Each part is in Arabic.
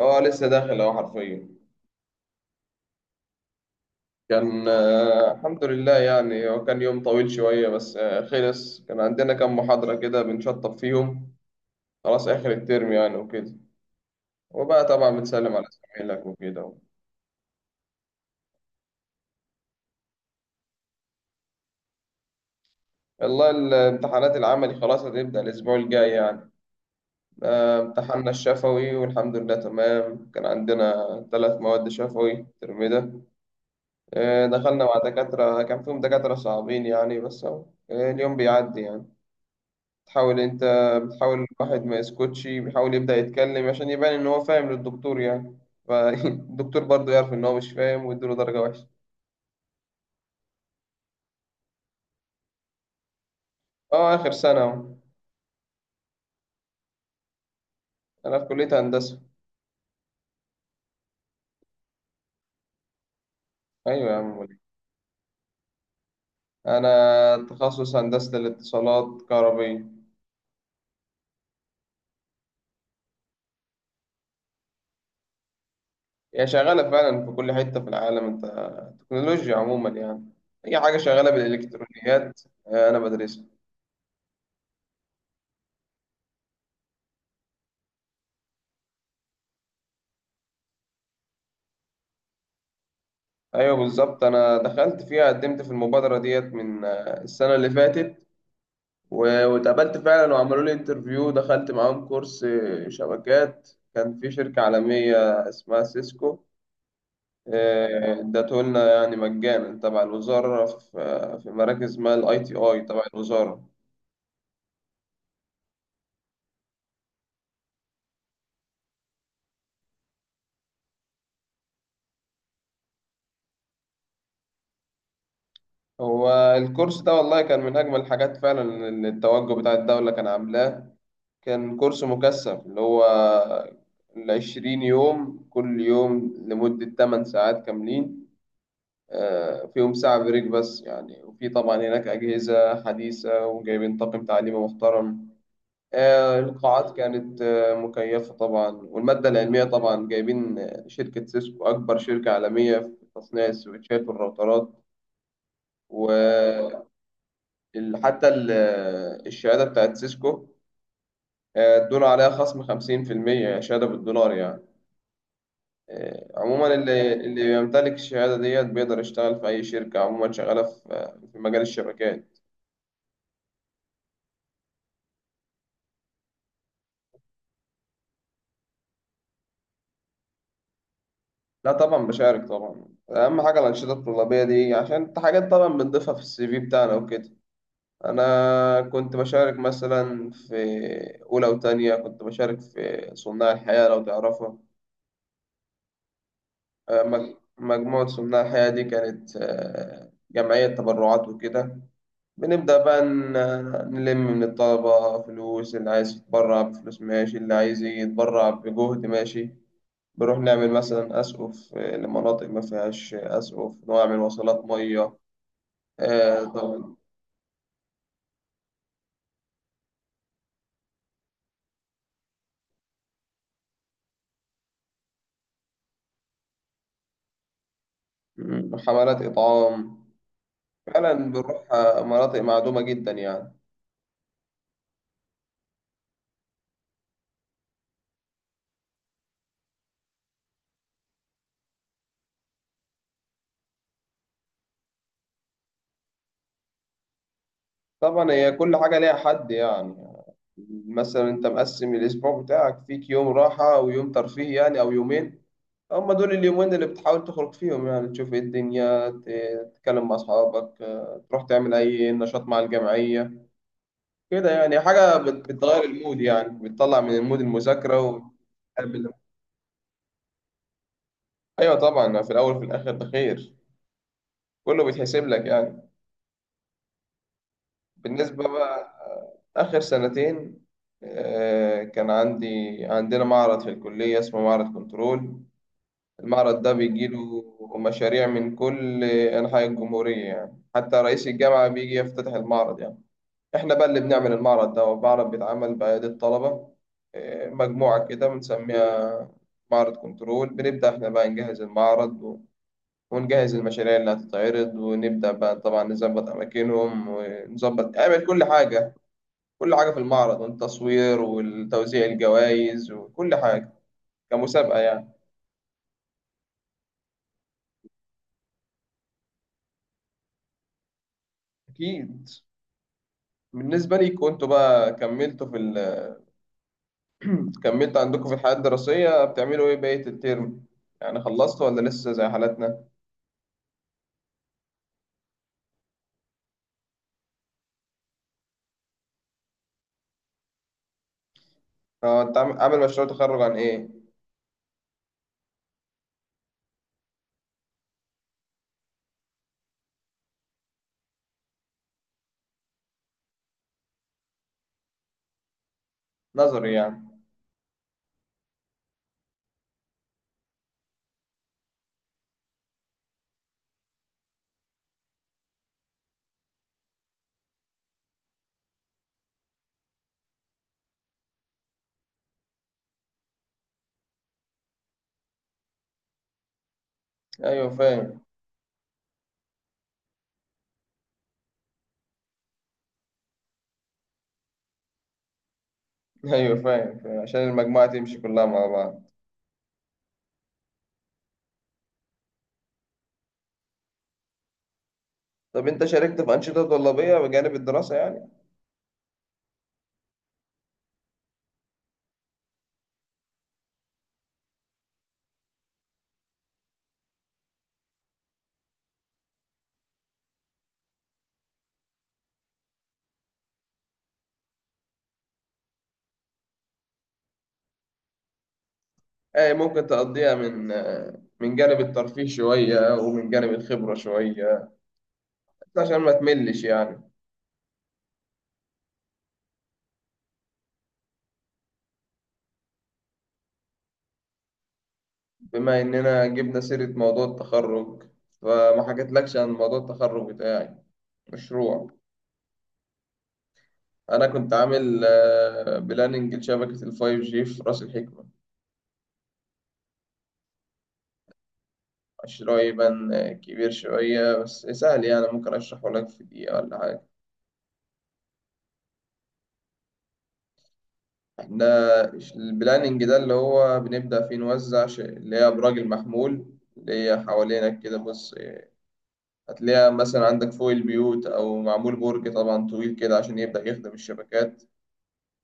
اه، لسه داخل اهو حرفيا. كان الحمد لله، يعني هو كان يوم طويل شوية، بس خلص كان عندنا كام محاضرة كده بنشطب فيهم. خلاص آخر الترم يعني وكده. وبقى طبعا بنسلم على زمايلك وكده. والله الامتحانات العملي خلاص هتبدأ الأسبوع الجاي يعني. امتحاننا الشفوي والحمد لله تمام، كان عندنا 3 مواد شفوي الترم ده. دخلنا مع دكاترة كان فيهم دكاترة صعبين يعني، بس أهو، اليوم بيعدي يعني. بتحاول انت، بتحاول الواحد ما يسكتش، بيحاول يبدأ يتكلم عشان يبان ان هو فاهم للدكتور يعني. فالدكتور برضه يعرف ان هو مش فاهم ويديله درجة وحشة. اه، اخر سنة اهو. انا في كلية هندسة. ايوه يا عم وليد. انا تخصص هندسة الاتصالات كهربية. هي شغالة فعلا في كل حتة في العالم انت. تكنولوجيا عموما يعني، اي حاجة شغالة بالالكترونيات. انا بدرسها. ايوه بالظبط، انا دخلت فيها، قدمت في المبادرة ديت من السنة اللي فاتت. واتقابلت فعلا وعملوا لي انترفيو، دخلت معاهم كورس شبكات كان في شركة عالمية اسمها سيسكو. ادته لنا يعني مجانا تبع الوزارة في مراكز ما الاي تي اي تبع الوزارة. هو الكورس ده والله كان من أجمل الحاجات فعلا، اللي التوجه بتاع الدولة كان عاملاه. كان كورس مكثف، اللي هو العشرين يوم كل يوم لمدة 8 ساعات كاملين، فيهم ساعة بريك بس يعني، وفي طبعا هناك أجهزة حديثة وجايبين طاقم تعليمي محترم. القاعات كانت مكيفة طبعا، والمادة العلمية طبعا جايبين شركة سيسكو أكبر شركة عالمية في تصنيع السويتشات والراوترات. وحتى الشهادة بتاعت سيسكو ادونا عليها خصم 50% شهادة بالدولار يعني. عموما اللي بيمتلك الشهادة ديت بيقدر يشتغل في أي شركة عموما شغالة في مجال الشبكات. لا طبعا بشارك طبعا. اهم حاجه الانشطه الطلابيه دي، عشان انت حاجات طبعا بنضيفها في السي في بتاعنا وكده. انا كنت بشارك مثلا في اولى وتانية، كنت بشارك في صناع الحياه لو تعرفها. مجموعه صناع الحياه دي كانت جمعيه تبرعات وكده. بنبدا بقى نلم من الطلبه فلوس، اللي عايز يتبرع بفلوس ماشي، اللي عايز يتبرع بجهد ماشي. بنروح نعمل مثلا أسقف لمناطق ما فيهاش أسقف، نعمل وصلات مية. طبعا حملات إطعام فعلا، بنروح مناطق معدومة جدا يعني. طبعا هي كل حاجة ليها حد يعني. مثلا أنت مقسم الأسبوع بتاعك، فيك يوم راحة ويوم ترفيه يعني، أو يومين، هما دول اليومين اللي بتحاول تخرج فيهم يعني، تشوف إيه الدنيا، تتكلم مع أصحابك، تروح تعمل أي نشاط مع الجمعية. كده يعني، حاجة بتغير المود يعني، بتطلع من المود المذاكرة أيوة طبعا، في الأول وفي الآخر ده خير، كله بيتحسب لك يعني. بالنسبة بقى آخر سنتين كان عندي، عندنا معرض في الكلية اسمه معرض كنترول. المعرض ده بيجيله مشاريع من كل أنحاء الجمهورية يعني، حتى رئيس الجامعة بيجي يفتتح المعرض يعني. احنا بقى اللي بنعمل المعرض ده، والمعرض بيتعمل بأيادي الطلبة، إيه، مجموعة كده بنسميها معرض كنترول. بنبدأ احنا بقى نجهز المعرض ونجهز المشاريع اللي هتتعرض، ونبدأ بقى طبعا نظبط أماكنهم، ونظبط نعمل كل حاجة، كل حاجة في المعرض والتصوير والتوزيع الجوائز وكل حاجة، كمسابقة يعني. أكيد. بالنسبة ليكوا انتوا بقى، كملتوا كملتوا عندكم في الحياة الدراسية بتعملوا ايه بقية الترم يعني، خلصتوا ولا لسه زي حالتنا؟ هو انت عامل مشروع تخرج عن ايه؟ نظري يعني. ايوه فاهم. ايوه فاهم فاهم. عشان المجموعة تمشي كلها مع بعض. طب انت شاركت في أنشطة طلابية بجانب الدراسة يعني؟ اي ممكن تقضيها من جانب الترفيه شوية ومن جانب الخبرة شوية، عشان ما تملش يعني. بما اننا جبنا سيرة موضوع التخرج، فما حكيتلكش عن موضوع التخرج بتاعي، مشروع. انا كنت عامل بلاننج لشبكة 5G في رأس الحكمة. شرايي بان كبير شوية بس سهل يعني، ممكن أشرحه لك في دقيقة ولا حاجة. إحنا البلاننج ده اللي هو بنبدأ فيه نوزع اللي هي أبراج المحمول، اللي هي حوالينك كده، بص، هتلاقيها مثلا عندك فوق البيوت، أو معمول برج طبعا طويل كده عشان يبدأ يخدم الشبكات.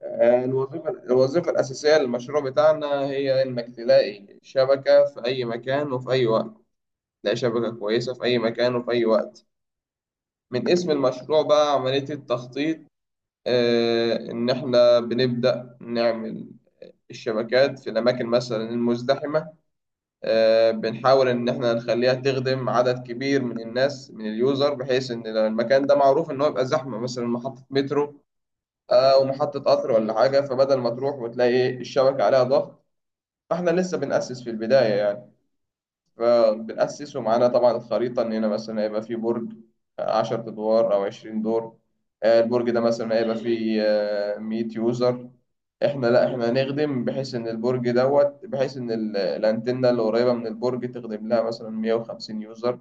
الوظيفة الأساسية للمشروع بتاعنا هي إنك تلاقي شبكة في أي مكان وفي أي وقت. تلاقي شبكة كويسة في أي مكان وفي أي وقت. من اسم المشروع بقى، عملية التخطيط. إن إحنا بنبدأ نعمل الشبكات في الأماكن مثلا المزدحمة. بنحاول إن إحنا نخليها تخدم عدد كبير من الناس، من اليوزر، بحيث إن لو المكان ده معروف إن هو يبقى زحمة، مثلا محطة مترو أو محطة قطر ولا حاجة، فبدل ما تروح وتلاقي الشبكة عليها ضغط، فإحنا لسه بنأسس في البداية يعني. فبنأسس ومعانا طبعا الخريطة، إن هنا مثلا هيبقى فيه برج 10 أدوار أو 20 دور. البرج ده مثلا هيبقى فيه 100 يوزر. إحنا لأ، إحنا هنخدم بحيث إن البرج دوت، بحيث إن الأنتنة اللي قريبة من البرج تخدم لها مثلا 150 يوزر،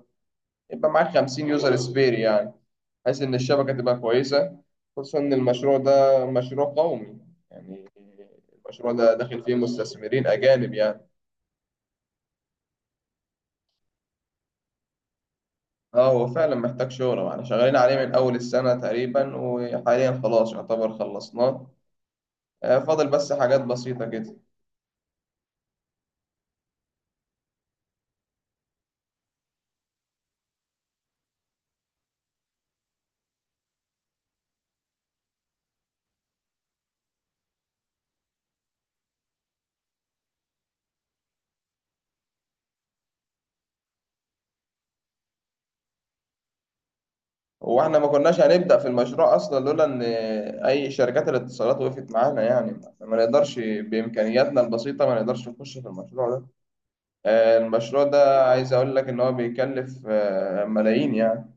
يبقى معاك 50 يوزر سبير يعني، بحيث إن الشبكة تبقى كويسة، خصوصا إن المشروع ده مشروع قومي يعني. المشروع ده داخل فيه مستثمرين أجانب يعني. اه هو فعلا محتاج شهرة، واحنا شغالين عليه من أول السنة تقريبا، وحاليا خلاص يعتبر خلصناه. فاضل بس حاجات بسيطة كده. واحنا ما كناش هنبدأ في المشروع أصلا لولا إن أي شركات الاتصالات وقفت معانا يعني، ما نقدرش بإمكانياتنا البسيطة، ما نقدرش نخش في المشروع ده. المشروع ده عايز أقول لك إن هو بيكلف ملايين يعني.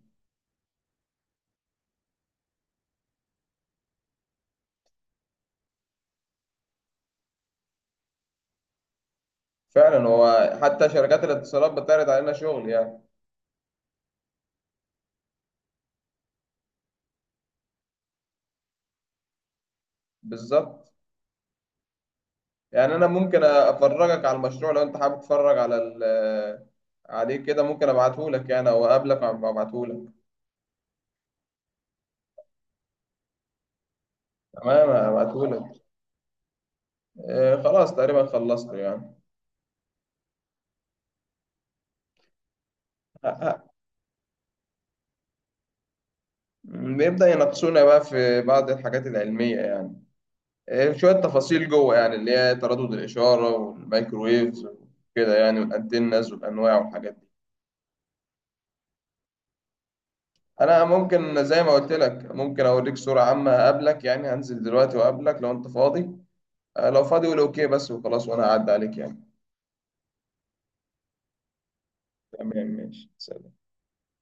فعلا هو حتى شركات الاتصالات بتعرض علينا شغل يعني. بالظبط، يعني انا ممكن افرجك على المشروع لو انت حابب تتفرج عليه، كده ممكن ابعته لك يعني او اقابلك وابعته لك. تمام ابعته لك. خلاص تقريبا خلصته يعني. آه، آه. بيبدأ يناقشونا بقى في بعض الحاجات العلمية يعني، شوية تفاصيل جوه يعني، اللي هي تردد الإشارة والمايكرويفز وكده يعني، والأنتنز والأنواع والحاجات دي. أنا ممكن زي ما قلت لك، ممكن أوريك صورة عامة، أقابلك يعني، هنزل دلوقتي وأقابلك لو أنت فاضي. لو فاضي قول أوكي بس وخلاص، وأنا هعدي عليك يعني. تمام ماشي سلام.